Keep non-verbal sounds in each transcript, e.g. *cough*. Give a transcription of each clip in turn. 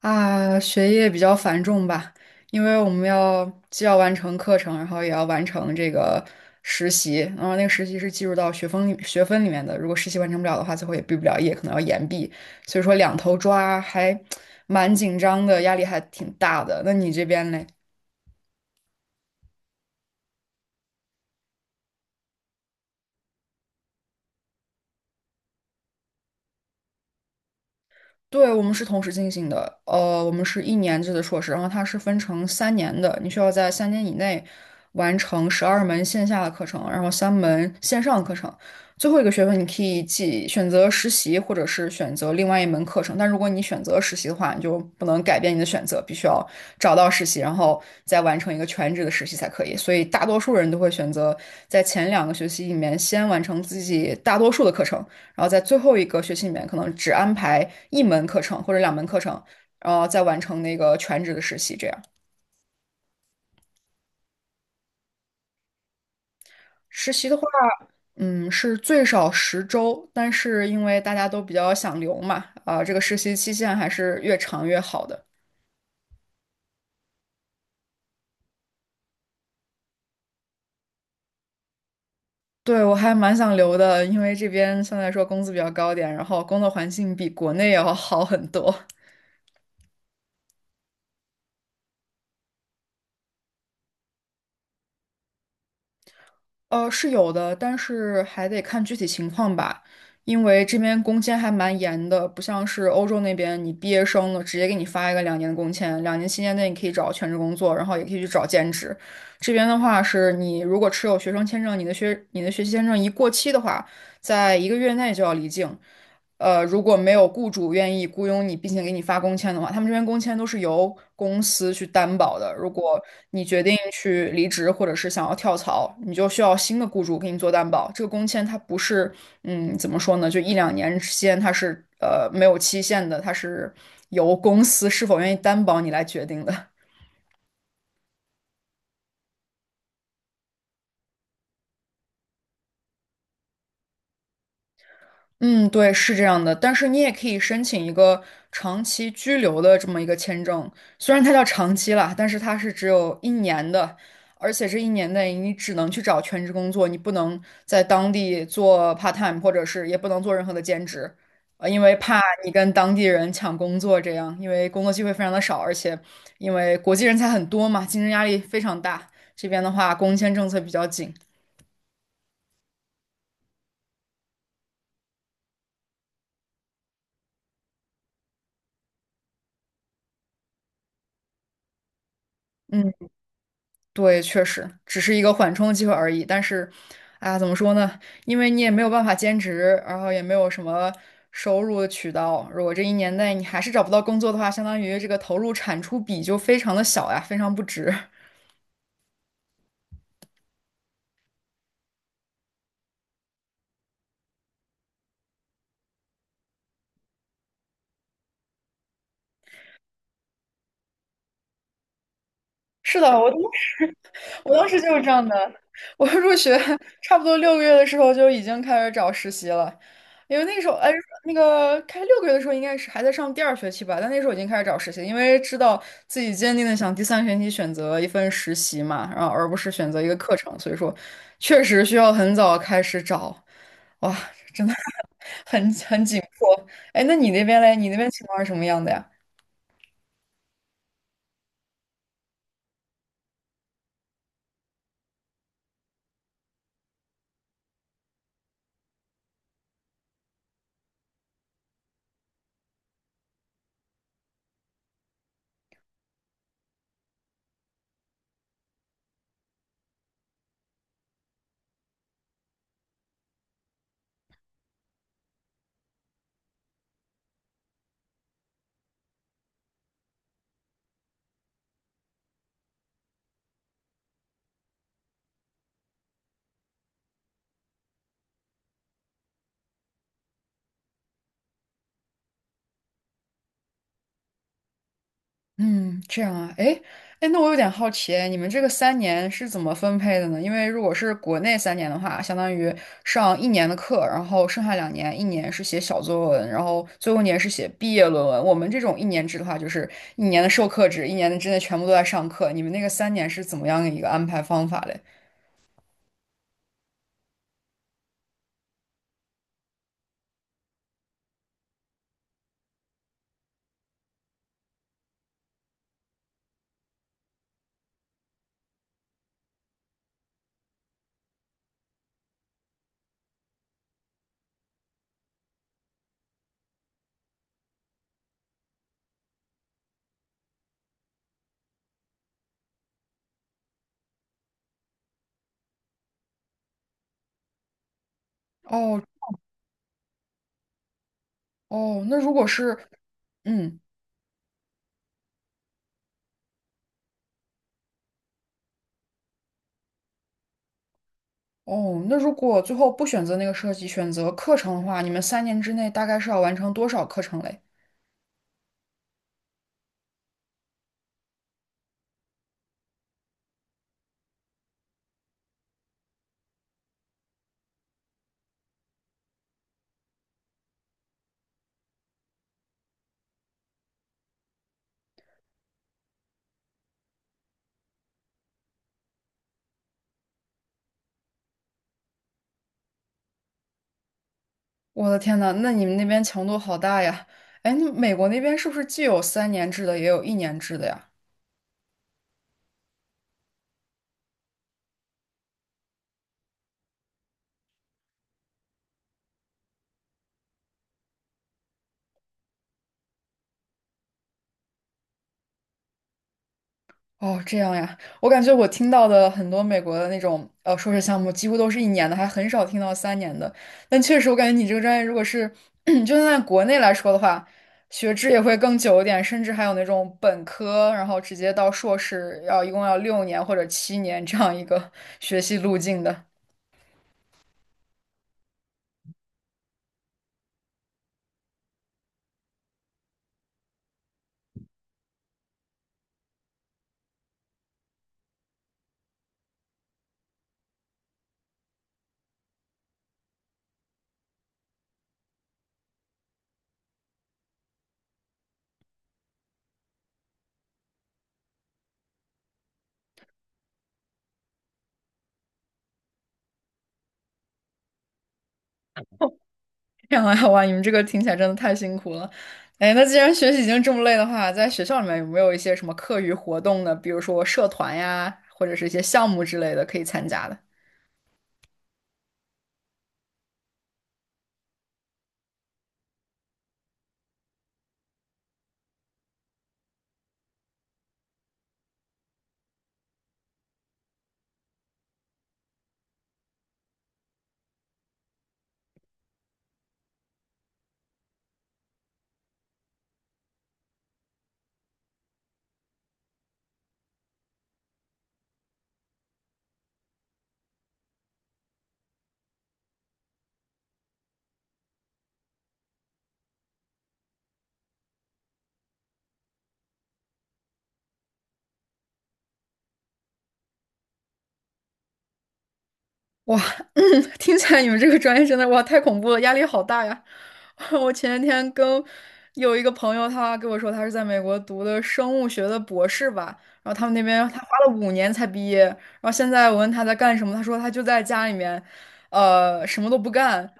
啊，学业比较繁重吧，因为我们要既要完成课程，然后也要完成这个实习，然后那个实习是计入到学分里面的，如果实习完成不了的话，最后也毕不了业，可能要延毕，所以说两头抓还 *tsk* 蛮紧张的，压力还挺大的。那你这边嘞？对，我们是同时进行的，我们是一年制的硕士，然后它是分成三年的，你需要在3年以内完成12门线下的课程，然后3门线上的课程，最后一个学分你可以记选择实习，或者是选择另外一门课程。但如果你选择实习的话，你就不能改变你的选择，必须要找到实习，然后再完成一个全职的实习才可以。所以大多数人都会选择在前2个学期里面先完成自己大多数的课程。然后在最后一个学期里面，可能只安排一门课程或者2门课程，然后再完成那个全职的实习。这样实习的话，是最少10周，但是因为大家都比较想留嘛，啊、这个实习期限还是越长越好的。对，我还蛮想留的，因为这边相对来说工资比较高点，然后工作环境比国内要好很多。是有的，但是还得看具体情况吧，因为这边工签还蛮严的，不像是欧洲那边，你毕业生了直接给你发一个2年的工签，2年期间内你可以找全职工作，然后也可以去找兼职。这边的话是你如果持有学生签证，你的学习签证一过期的话，在一个月内就要离境。如果没有雇主愿意雇佣你，并且给你发工签的话，他们这边工签都是由公司去担保的。如果你决定去离职或者是想要跳槽，你就需要新的雇主给你做担保。这个工签它不是，怎么说呢？就一两年之间，它是没有期限的，它是由公司是否愿意担保你来决定的。嗯，对，是这样的，但是你也可以申请一个长期居留的这么一个签证，虽然它叫长期啦，但是它是只有一年的，而且这一年内你只能去找全职工作，你不能在当地做 part time，或者是也不能做任何的兼职，因为怕你跟当地人抢工作这样，因为工作机会非常的少，而且因为国际人才很多嘛，竞争压力非常大，这边的话工签政策比较紧。嗯。对，确实只是一个缓冲机会而已。但是，哎呀，怎么说呢？因为你也没有办法兼职，然后也没有什么收入的渠道。如果这一年内你还是找不到工作的话，相当于这个投入产出比就非常的小呀，非常不值。*laughs* 是的，我当时 *laughs* 我当时就是这样的。我入学差不多六个月的时候就已经开始找实习了，因为那个时候哎，那个开六个月的时候应该是还在上第二学期吧，但那时候已经开始找实习，因为知道自己坚定的想第三学期选择一份实习嘛，然后而不是选择一个课程，所以说确实需要很早开始找，哇，真的 *laughs* 很紧迫。哎，那你那边嘞？你那边情况是什么样的呀？嗯，这样啊，哎，哎，那我有点好奇，你们这个三年是怎么分配的呢？因为如果是国内三年的话，相当于上一年的课，然后剩下两年，一年是写小作文，然后最后一年是写毕业论文。我们这种一年制的话，就是一年的授课制，一年的之内全部都在上课。你们那个三年是怎么样的一个安排方法嘞？哦哦，那如果是嗯。哦，那如果最后不选择那个设计，选择课程的话，你们3年之内大概是要完成多少课程嘞？我的天呐，那你们那边强度好大呀！哎，那美国那边是不是既有3年制的，也有一年制的呀？哦，这样呀，我感觉我听到的很多美国的那种硕士项目，几乎都是一年的，还很少听到三年的。但确实，我感觉你这个专业，如果是 *clears throat* 就算在国内来说的话，学制也会更久一点，甚至还有那种本科，然后直接到硕士，一共要6年或者7年这样一个 *laughs* 学习路径的。这样啊，哇，你们这个听起来真的太辛苦了。哎，那既然学习已经这么累的话，在学校里面有没有一些什么课余活动呢？比如说社团呀，或者是一些项目之类的可以参加的？哇，*clears throat* 嗯 *laughs* 听起来你们这个专业真的哇太恐怖了，压力好大呀！*laughs* 我前几天跟有一个朋友，他跟我说他是在美国读的生物学的博士吧，然后他们那边他花了5年才毕业，然后现在我问他在干什么，他说他就在家里面，什么都不干。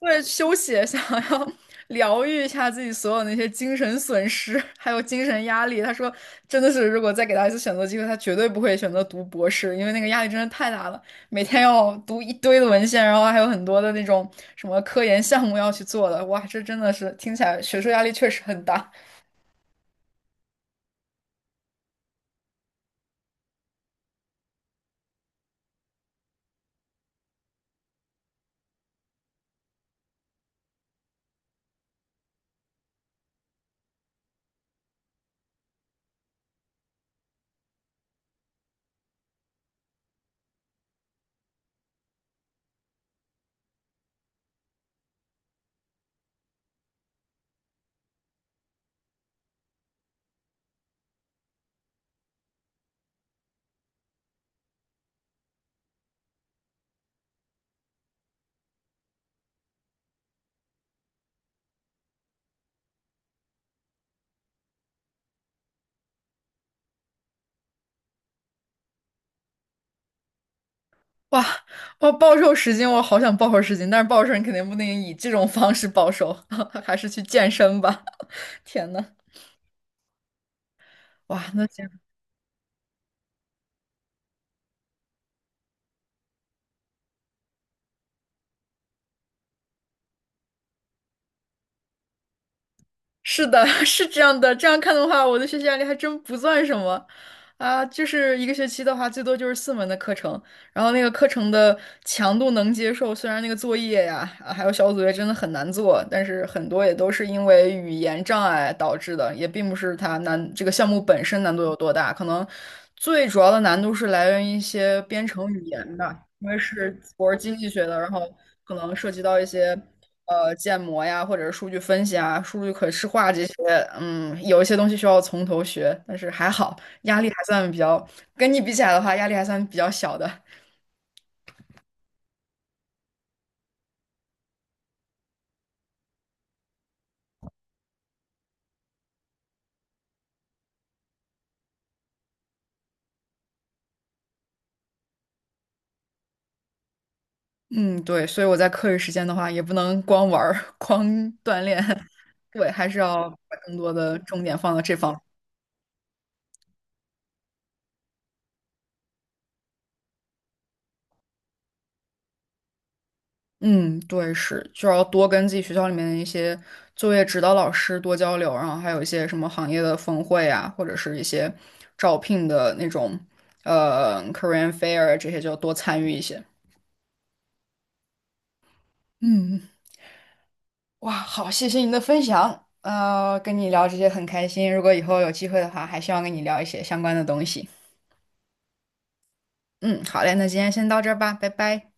为了休息想要 *laughs* 疗愈一下自己所有那些精神损失，*laughs* 还有精神压力。他说，真的是，如果再给他一次选择机会，他绝对不会选择读博士，因为那个压力真的太大了，每天要读一堆的文献，然后还有很多的那种什么科研项目要去做的。哇，这真的是听起来学术压力确实很大。哇，我暴瘦十斤，我好想暴瘦十斤，但是暴瘦你肯定不能以这种方式暴瘦，*laughs* 还是去健身吧。*laughs* 天呐，哇，那。是的，*laughs* 是这样的。这样看的话，我的学习压力还真不算什么啊。就是一个学期的话，最多就是4门的课程，然后那个课程的强度能接受。虽然那个作业呀，啊还有小组作业真的很难做，但是很多也都是因为语言障碍导致的，也并不是它难，这个项目本身难度有多大，可能最主要的难度是来源于一些编程语言吧。因为我是经济学的，然后可能涉及到一些建模呀，或者是数据分析啊、数据可视化这些，有一些东西需要从头学，但是还好压力还算比较，跟你比起来的话，压力还算比较小的。嗯，对，所以我在课余时间的话，也不能光玩儿、*laughs* 光锻炼，*laughs* 对，还是要把更多的重点放到这方面。嗯，对，是，就要多跟自己学校里面的一些作业指导老师多交流，然后还有一些什么行业的峰会啊，或者是一些招聘的那种career fair 这些，就多参与一些。嗯，哇，好，谢谢你的分享，跟你聊这些很开心，如果以后有机会的话，还希望跟你聊一些相关的东西。嗯，好嘞，那今天先到这儿吧，拜拜。